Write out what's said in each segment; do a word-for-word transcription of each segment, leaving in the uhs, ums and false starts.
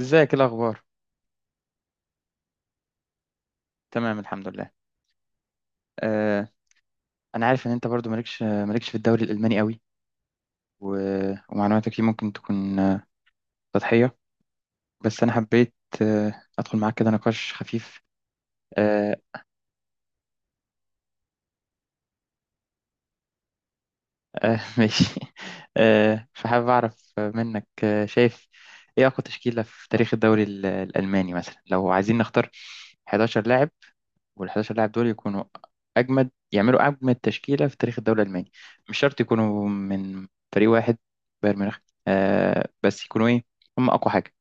ازيك، ايه الاخبار؟ تمام، الحمد لله. آه، انا عارف ان انت برضو مالكش مالكش في الدوري الالماني قوي، و... ومعلوماتك فيه ممكن تكون آه، سطحيه، بس انا حبيت آه ادخل معاك كده نقاش خفيف. آه آه ماشي. آه، فحابب اعرف منك، آه شايف ايه اقوى تشكيله في تاريخ الدوري ال- الالماني؟ مثلا لو عايزين نختار 11 لاعب، وال 11 لاعب دول يكونوا اجمد، يعملوا اجمد تشكيله في تاريخ الدوري الالماني. مش شرط يكونوا من فريق واحد، بايرن ميونخ، آه بس يكونوا ايه، هم اقوى حاجه.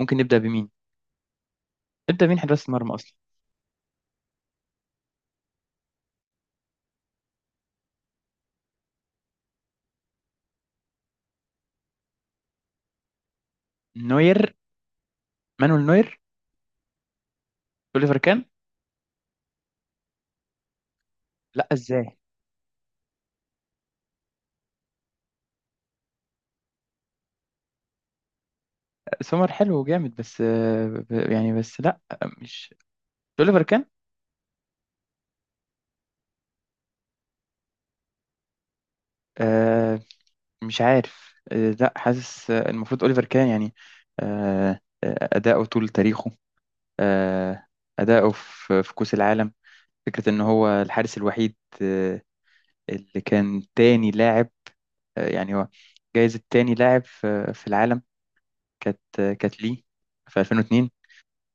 ممكن نبدا بمين؟ نبدا بمين حراس المرمى اصلا؟ نوير، مانويل نوير، اوليفر كان. لا ازاي؟ سومر حلو وجامد بس آه ب- يعني بس لا، مش اوليفر كان. آه، مش عارف، آه لا حاسس، آه، المفروض اوليفر كان يعني. آه آه، اداؤه طول تاريخه، آه، اداؤه في في كأس العالم، فكرة إن هو الحارس الوحيد، آه، اللي كان تاني لاعب، آه، يعني هو جايزة تاني لاعب في في العالم كانت، آه، كانت ليه في الفين واتنين،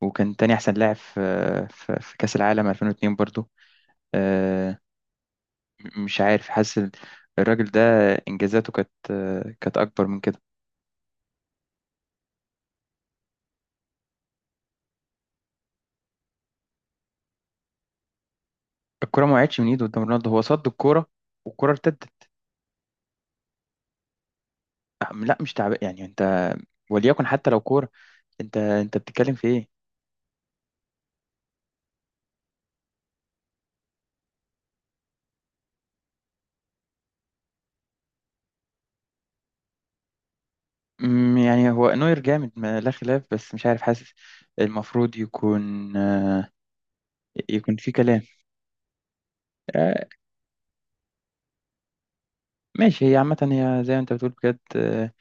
وكان تاني أحسن لاعب في في في كأس العالم الفين واتنين برضو. آه، م- مش عارف حاسس ال- الراجل ده إنجازاته كانت، آه، كانت أكبر من كده. الكرة ما وقعتش من إيده قدام رونالدو، هو صد الكرة والكرة ارتدت. آه، لا مش تعب يعني، أنت وليكن حتى لو كورة، أنت أنت بتتكلم في إيه؟ أمم، يعني هو نوير جامد ما لا خلاف، بس مش عارف حاسس المفروض يكون آه، يكون في كلام. آه، ماشي، هي عامة هي زي ما انت بتقول بجد، آه،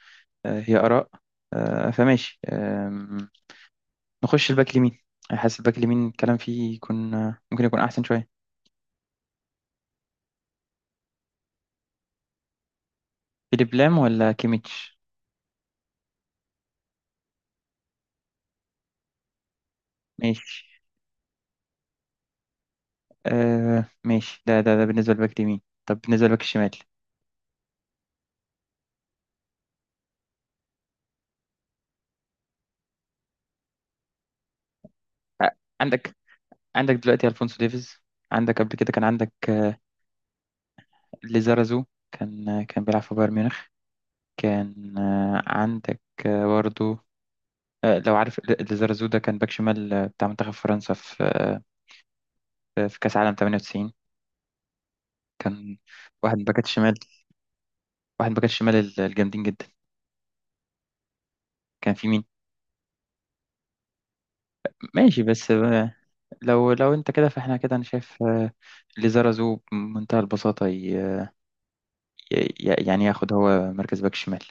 آه، هي آراء، آه، فماشي آم، نخش الباك اليمين. حاسس الباك اليمين الكلام فيه يكون آه، ممكن يكون أحسن شوية. فيليب لام ولا كيميتش؟ ماشي. آه، ماشي، ده ده ده بالنسبة للباك اليمين. طب بالنسبة للباك الشمال، آه، عندك، عندك دلوقتي ألفونسو ديفيز، عندك قبل كده كان عندك آه، ليزارازو. كان كان بيلعب في بايرن ميونخ. كان آه، عندك آه، برضو آه، لو عارف، ل- ليزارازو ده كان باك شمال آه، بتاع منتخب فرنسا في، آه، في كأس عالم ثمانية وتسعين. كان واحد من باكات الشمال، واحد من باكات الشمال ال- الجامدين جدا. كان في مين؟ ماشي، بس آه، لو لو انت كده، فاحنا كده انا شايف آه، ليزارازو بمنتهى البساطة، ي- ي- يعني ياخد هو مركز باك شمال.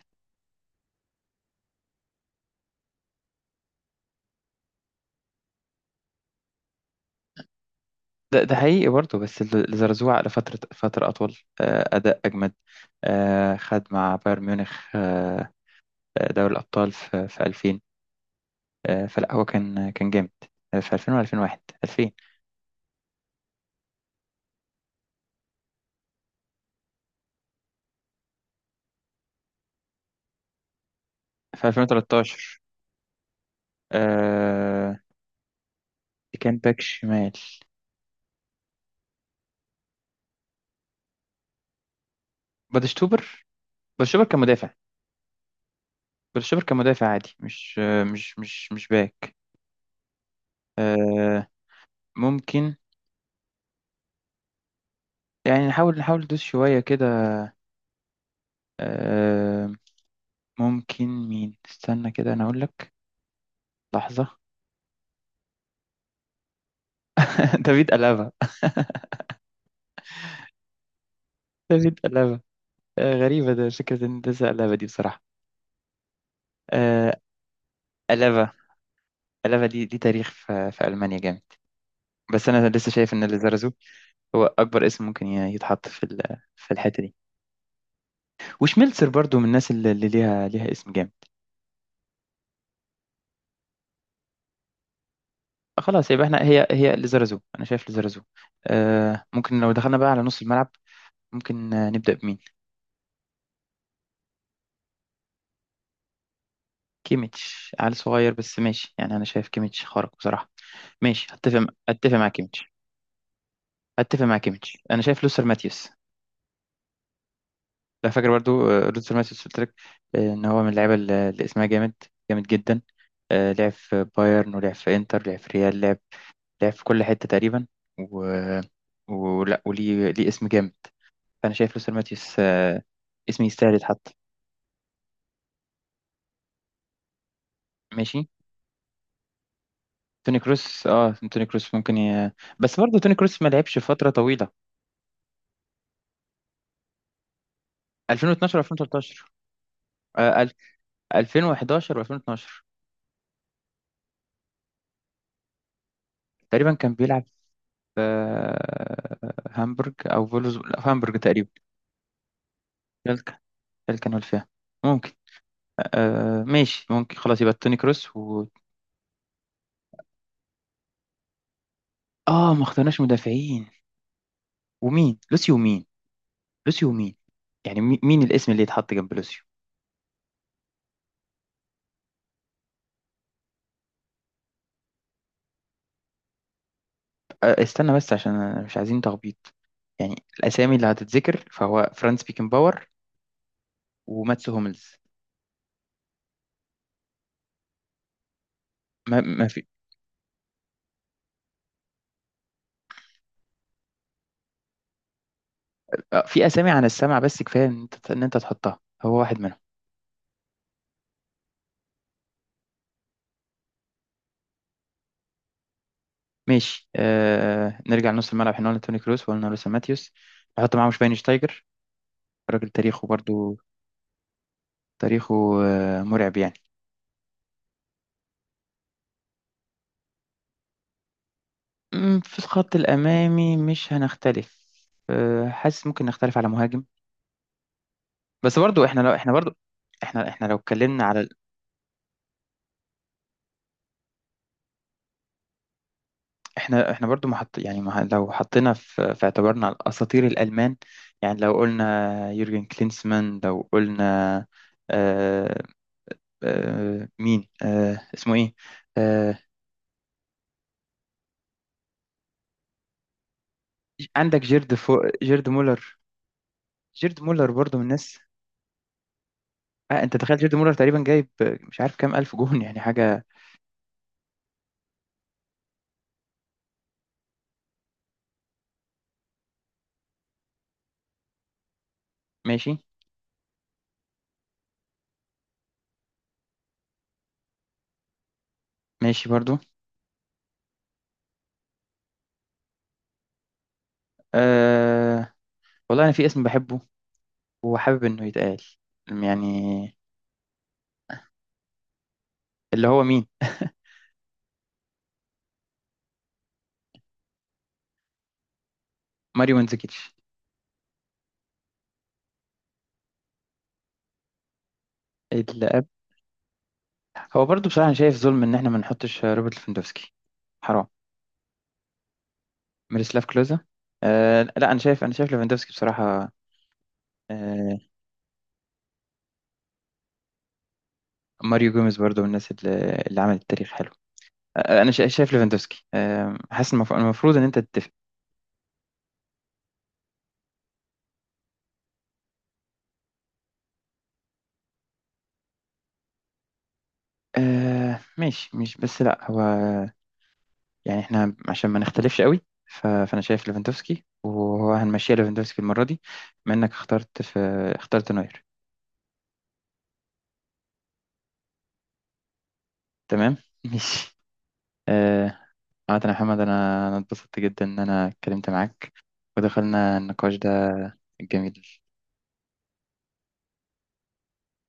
ده ده حقيقي برضه، بس ال- الزرزوع لفترة، فترة أطول، آه، أداء أجمد. آه، خد مع بايرن ميونخ آه، آه، دوري الأبطال في في الفين. آه، فلا هو كان كان جامد، آه، في الفين و2001 الفين. في الفين وتلتاشر، آه، كان باك شمال بادشتوبر. بادشتوبر كان مدافع. بادشتوبر كان مدافع عادي، مش آه، مش مش مش باك. آه، ممكن يعني، نحاول نحاول ندوس شوية كده. آه، ممكن مين؟ استنى كده أنا أقول لك. لحظة. دافيد ألابا دافيد ألابا. آه، غريبة ده، فكرة إن ده زي ألابا دي بصراحة. آه، ألابا، ألابا دي دي تاريخ في, في ألمانيا جامد. بس أنا لسه شايف إن ليزارزو هو أكبر اسم ممكن ي- يتحط في ال- في الحتة دي. وشميلتسر برضو من الناس اللي اللي ليها ليها اسم جامد. آه، خلاص يبقى احنا هي هي ليزارزو، أنا شايف ليزارزو. آه، ممكن لو دخلنا بقى على نص الملعب، ممكن آه، نبدأ بمين؟ كيميتش عيل صغير بس ماشي يعني، أنا شايف كيميتش خارق بصراحة. ماشي، أتفق أتفق مع كيميتش. اتفق معاك يا ميتش، انا شايف لوثر ماتيوس. لا، فاكر برضو آه، لوثر ماتيوس قلت لك، آه، ان هو من اللعيبه اللي اللي اسمها جامد، جامد جدا. آه، لعب في بايرن، ولعب في انتر، لعب في ريال، لعب لعب في كل حته تقريبا، و... ولا وليه، ليه اسم جامد. فانا شايف لوثر ماتيوس، آه، اسم يستاهل يتحط. ماشي. توني كروس، اه توني كروس ممكن ي... بس برضه توني كروس ما لعبش فتره طويله. الفين واتناشر الفين وتلتاشر، آه، أل- الفين وحداشر و2012 تقريبا. كان بيلعب في هامبورج او فولوز، لا، في هامبورج تقريبا. تلك، تلك انا فيها. ممكن. آه ماشي، ممكن. خلاص يبقى توني كروس و... اه، ما اخترناش مدافعين. ومين؟ لوسيو ومين؟ لوسيو ومين؟ يعني مي- مين الاسم اللي يتحط جنب لوسيو؟ آه، استنى بس عشان أنا مش عايزين تخبيط. يعني الاسامي اللي هتتذكر فهو فرانس بيكنباور وماتس هوملز. ما, ما في آه في اسامي عن السمع، بس كفايه ان انت، ان انت تحطها هو واحد منهم. ماشي. آه، نرجع لنص الملعب. احنا قلنا توني كروس، وقلنا لوسا ماتيوس. نحط معاه شفاينشتايجر، راجل تاريخه برضو، تاريخه آه مرعب يعني. أمم، في الخط الأمامي مش هنختلف. آه، حاسس ممكن نختلف على مهاجم. بس برضو احنا، لو احنا برضو، احنا احنا لو اتكلمنا على ال- احنا احنا برضو محط يعني، مح- لو حطينا في, في اعتبارنا الأساطير الألمان. يعني لو قلنا يورجن كلينسمان، لو قلنا آه آه مين، آه اسمه ايه؟ آه، عندك جيرد فو... جيرد مولر. جيرد مولر برضو من الناس. آه، انت تخيل جيرد مولر تقريبا جايب مش عارف كام الف جون، يعني حاجه. ماشي. ماشي برضو. آه... والله انا في اسم بحبه وحابب انه يتقال، يعني اللي هو مين؟ ماريو منزكيتش. اللي قبل. هو برضو بصراحه، أنا شايف ظلم ان احنا ما نحطش روبرت ليفاندوفسكي. حرام. ميروسلاف كلوزا. آه... لا انا شايف، انا شايف ليفاندوفسكي بصراحه. آه... ماريو جوميز برضو من الناس اللي, اللي عملت تاريخ. آه، انا شا- شايف ليفاندوسكي. آه، حاسس المف- المفروض ان انت تتفق. آه، ماشي، مش بس لا، هو يعني احنا عشان ما نختلفش قوي، ف- فانا شايف ليفاندوسكي، وهو هنمشيها ليفاندوسكي المره دي. بما انك اخترت في، اخترت نوير. تمام ماشي. آه، عامة يا محمد، انا انا اتبسطت جدا ان انا اتكلمت معاك ودخلنا النقاش ده الجميل.